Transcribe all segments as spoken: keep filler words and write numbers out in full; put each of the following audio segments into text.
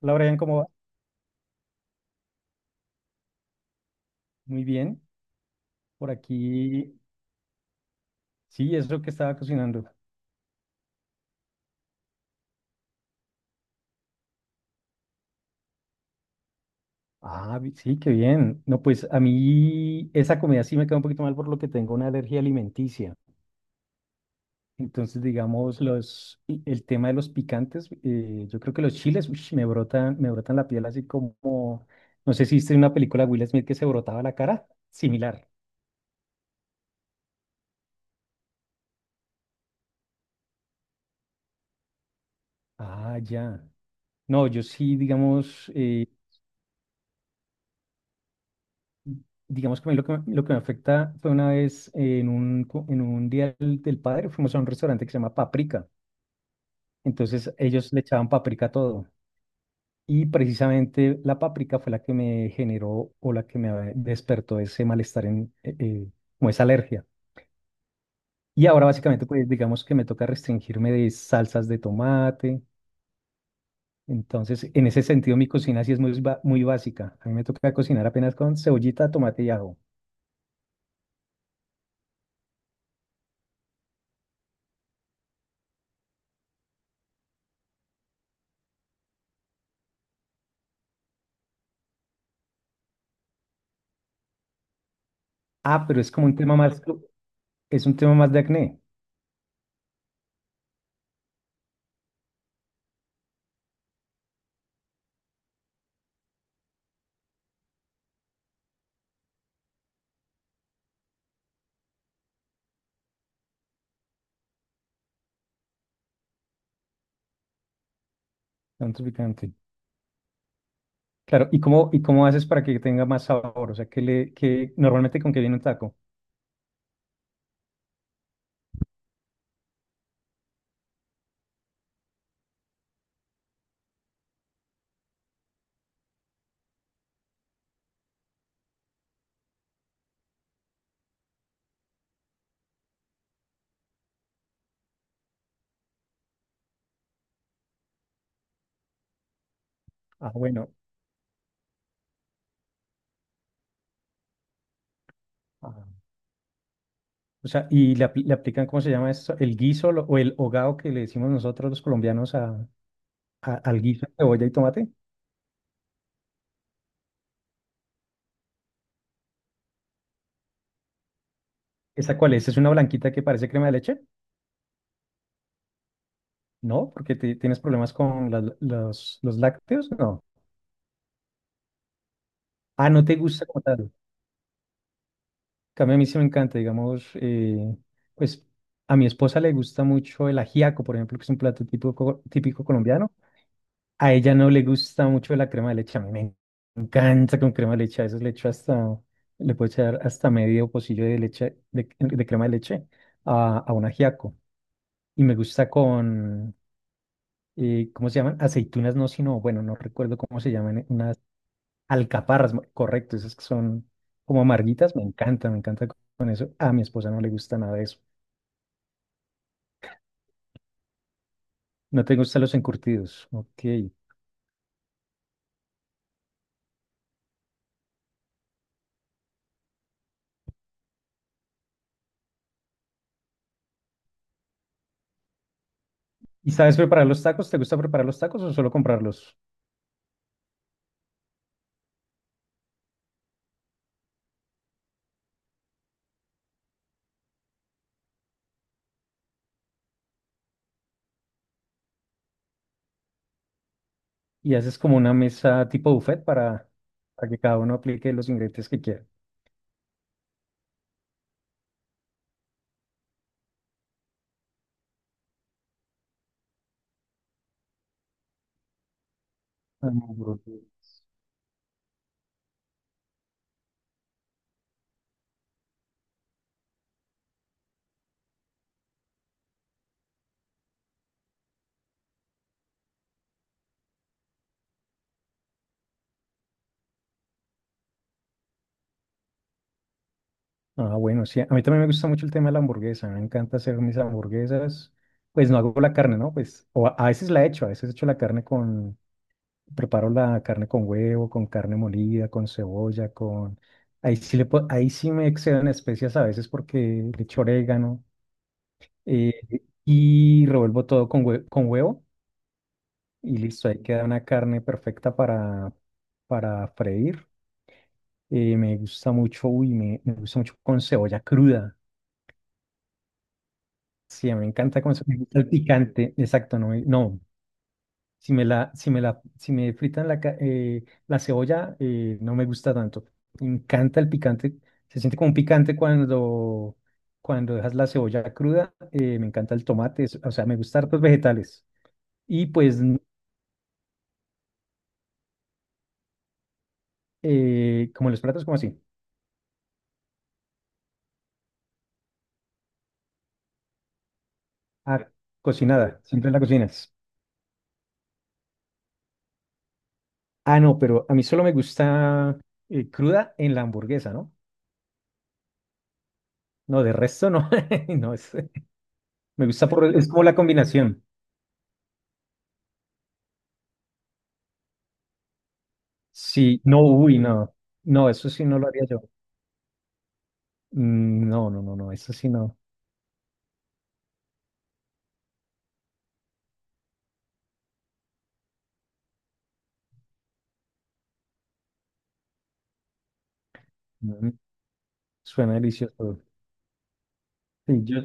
Hola, Brian, ¿cómo va? Muy bien. Por aquí, sí, es lo que estaba cocinando. Ah, vi- sí, qué bien. No, pues a mí esa comida sí me queda un poquito mal por lo que tengo una alergia alimenticia. Entonces, digamos, los, y el tema de los picantes, eh, yo creo que los chiles, uish, me brotan, me brotan la piel así como, no sé si viste una película de Will Smith que se brotaba la cara, similar. Ah, ya. No, yo sí, digamos, eh, Digamos que a mí lo que, me- lo que me afecta fue una vez eh, en un, co- en un día del, del padre, fuimos a un restaurante que se llama Paprika. Entonces ellos le echaban paprika a todo. Y precisamente la paprika fue la que me generó o la que me despertó ese malestar, en, eh, eh, como esa alergia. Y ahora básicamente, pues digamos que me toca restringirme de salsas de tomate. Entonces, en ese sentido, mi cocina sí es muy, ba- muy básica. A mí me toca cocinar apenas con cebollita, tomate y ajo. Ah, pero es como un tema más, es un tema más de acné. Tan picante. Claro, ¿y cómo, ¿y cómo haces para que tenga más sabor? O sea, que le, que normalmente con qué viene un taco. Ah, bueno. Ah. O sea, y le, apl- le aplican, ¿cómo se llama eso? ¿El guiso lo- o el hogao, que le decimos nosotros los colombianos a, a- al guiso de cebolla y tomate? ¿Esa cuál es? ¿Es una blanquita que parece crema de leche? No, porque te- tienes problemas con la- los, los lácteos. No. Ah, no te gusta como tal. En cambio, a mí sí me encanta, digamos, eh, pues a mi esposa le gusta mucho el ajiaco, por ejemplo, que es un plato típico, típico colombiano. A ella no le gusta mucho la crema de leche. A mí me encanta con crema de leche. A veces le echo hasta, le puedo echar hasta medio pocillo de leche, de, de crema de leche a, a un ajiaco. Y me gusta con, eh, ¿cómo se llaman? Aceitunas, no, sino, bueno, no recuerdo cómo se llaman, eh, unas alcaparras, mo- correcto, esas que son como amarguitas. Me encanta, me encanta co- con eso. A mi esposa no le gusta nada de eso. No te gustan los encurtidos. Ok. ¿Y sabes preparar los tacos? ¿Te gusta preparar los tacos o solo comprarlos? ¿Y haces como una mesa tipo buffet para, para que cada uno aplique los ingredientes que quiera? Hamburguesa. Ah, bueno, sí, a mí también me gusta mucho el tema de la hamburguesa, me encanta hacer mis hamburguesas, pues no hago la carne, ¿no? Pues o a a veces la echo, a veces echo la carne con, preparo la carne con huevo, con carne molida, con cebolla, con… Ahí sí, le, po- ahí sí me excedo en especias a veces porque le echo orégano eh, y revuelvo todo con, hue- con huevo y listo, ahí queda una carne perfecta para, para freír. Eh, me gusta mucho, uy, me, me gusta mucho con cebolla cruda. Sí, a mí me encanta con cebolla, me gusta el picante, exacto, no, me- no. Si me la, si me la, si me fritan la, ca- eh, la cebolla, eh, no me gusta tanto. Me encanta el picante, se siente como un picante cuando, cuando dejas la cebolla cruda. Eh, me encanta el tomate, es- o sea, me gustan hartos vegetales. Y pues, n- eh, como los platos, como así. Ah, cocinada, siempre la cocinas. Ah, no, pero a mí solo me gusta eh, cruda en la hamburguesa, ¿no? No, de resto no. No, es, me gusta por, es como la combinación. Sí, no, uy, no. No, eso sí no lo haría yo. Mm, no, no, no, no, eso sí no. Mm, suena delicioso. Sí, yo,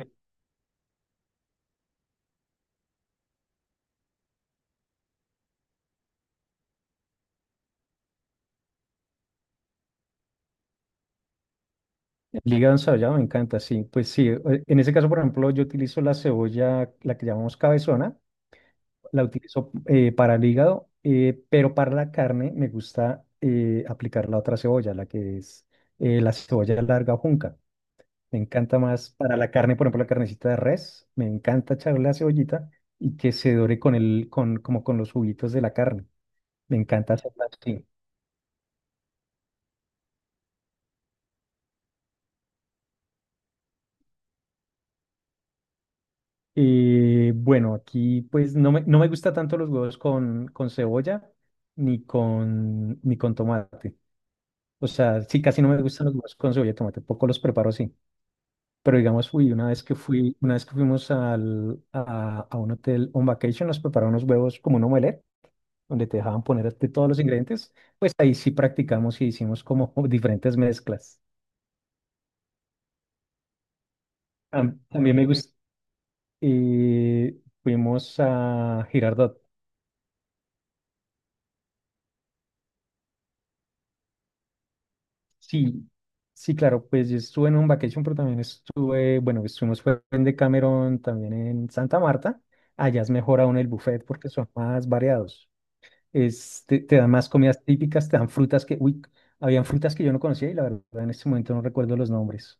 el hígado ensallado me encanta, sí. Pues sí, eh, en ese caso, por ejemplo, yo utilizo la cebolla, la que llamamos cabezona. La utilizo eh, para el hígado, eh, pero para la carne me gusta eh, aplicar la otra cebolla, la que es eh, la cebolla larga o junca. Me encanta más para la carne, por ejemplo, la carnecita de res, me encanta echarle la cebollita y que se dore con el, con, como con los juguitos de la carne. Me encanta hacerla así. Eh, bueno, aquí pues no me, no me gusta tanto los huevos con, con cebolla ni con, ni con tomate. O sea, sí, casi no me gustan los huevos con cebolla y tomate, poco los preparo así. Pero digamos, fui una vez que fui una vez que fuimos al, a, a un hotel on vacation, nos prepararon unos huevos como un omelette, donde te dejaban poner de todos los ingredientes. Pues ahí sí practicamos y hicimos como diferentes mezclas. Tam- También me gusta. Eh, Fuimos a Girardot. Sí, sí, claro, pues yo estuve en un vacation, pero también estuve, bueno, estuvimos fue en Decameron, también en Santa Marta. Allá es mejor aún el buffet porque son más variados. Es- te, te dan más comidas típicas, te dan frutas que, uy, habían frutas que yo no conocía y la verdad en este momento no recuerdo los nombres.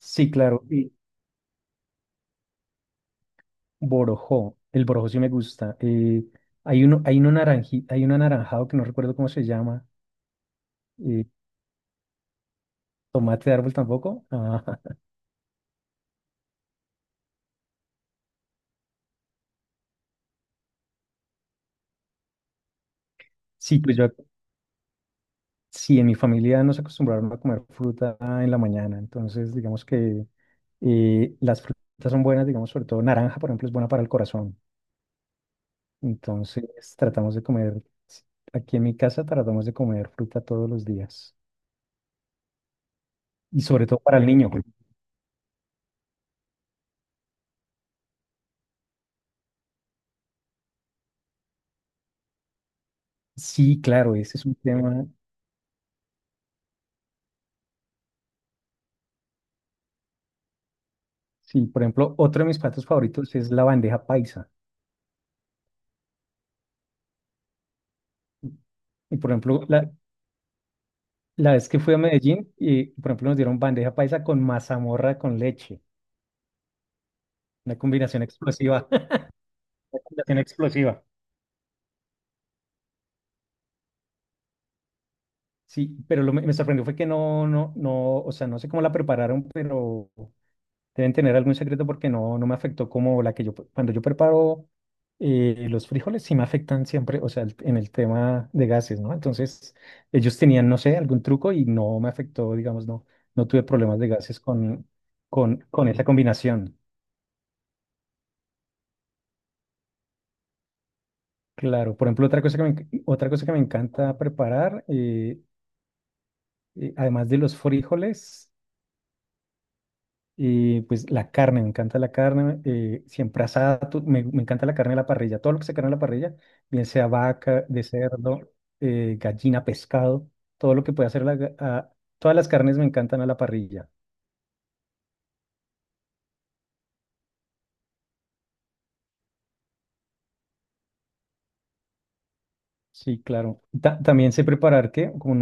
Sí, claro, y borojó, el borojó sí me gusta. Eh, hay uno, hay uno naranji, hay un anaranjado que no recuerdo cómo se llama, eh, tomate de árbol tampoco. Ah, sí, pues yo, sí, en mi familia nos acostumbraron a comer fruta en la mañana, entonces digamos que eh, las frutas son buenas, digamos, sobre todo naranja, por ejemplo, es buena para el corazón. Entonces tratamos de comer, aquí en mi casa tratamos de comer fruta todos los días. Y sobre todo para el niño. Sí, claro, ese es un tema. Sí, por ejemplo, otro de mis platos favoritos es la bandeja paisa. Y por ejemplo, la, la vez que fui a Medellín, y por ejemplo nos dieron bandeja paisa con mazamorra con leche. Una combinación explosiva. Una combinación explosiva. Sí, pero lo me me sorprendió fue que no, no, no, o sea, no sé cómo la prepararon, pero deben tener algún secreto porque no, no me afectó como la que yo, cuando yo preparo eh, los frijoles, sí me afectan siempre, o sea, el- en el tema de gases, ¿no? Entonces, ellos tenían, no sé, algún truco y no me afectó, digamos, no, no tuve problemas de gases con, con, con esa combinación. Claro, por ejemplo, otra cosa que me, enc- otra cosa que me encanta preparar, eh, eh, además de los frijoles. Y pues la carne, me encanta la carne, eh, siempre asada, to- me, me encanta la carne de la parrilla, todo lo que se carne a la parrilla, bien sea vaca, de cerdo, eh, gallina, pescado, todo lo que pueda hacer la, ga- a- todas las carnes me encantan a la parrilla. Sí, claro. Ta- también sé preparar ¿qué? Como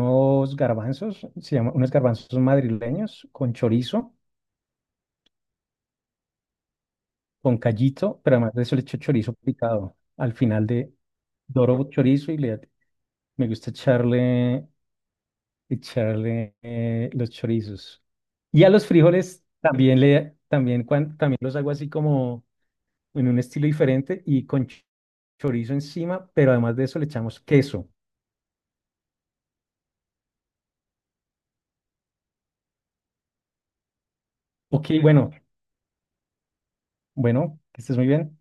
unos garbanzos, se llama, unos garbanzos madrileños con chorizo, con callito, pero además de eso le echo chorizo picado al final de doro chorizo y le, me gusta echarle echarle eh, los chorizos. Y a los frijoles también le también cuan- también los hago así como en un estilo diferente y con ch- chorizo encima, pero además de eso le echamos queso. Ok, bueno, bueno, que estés muy bien.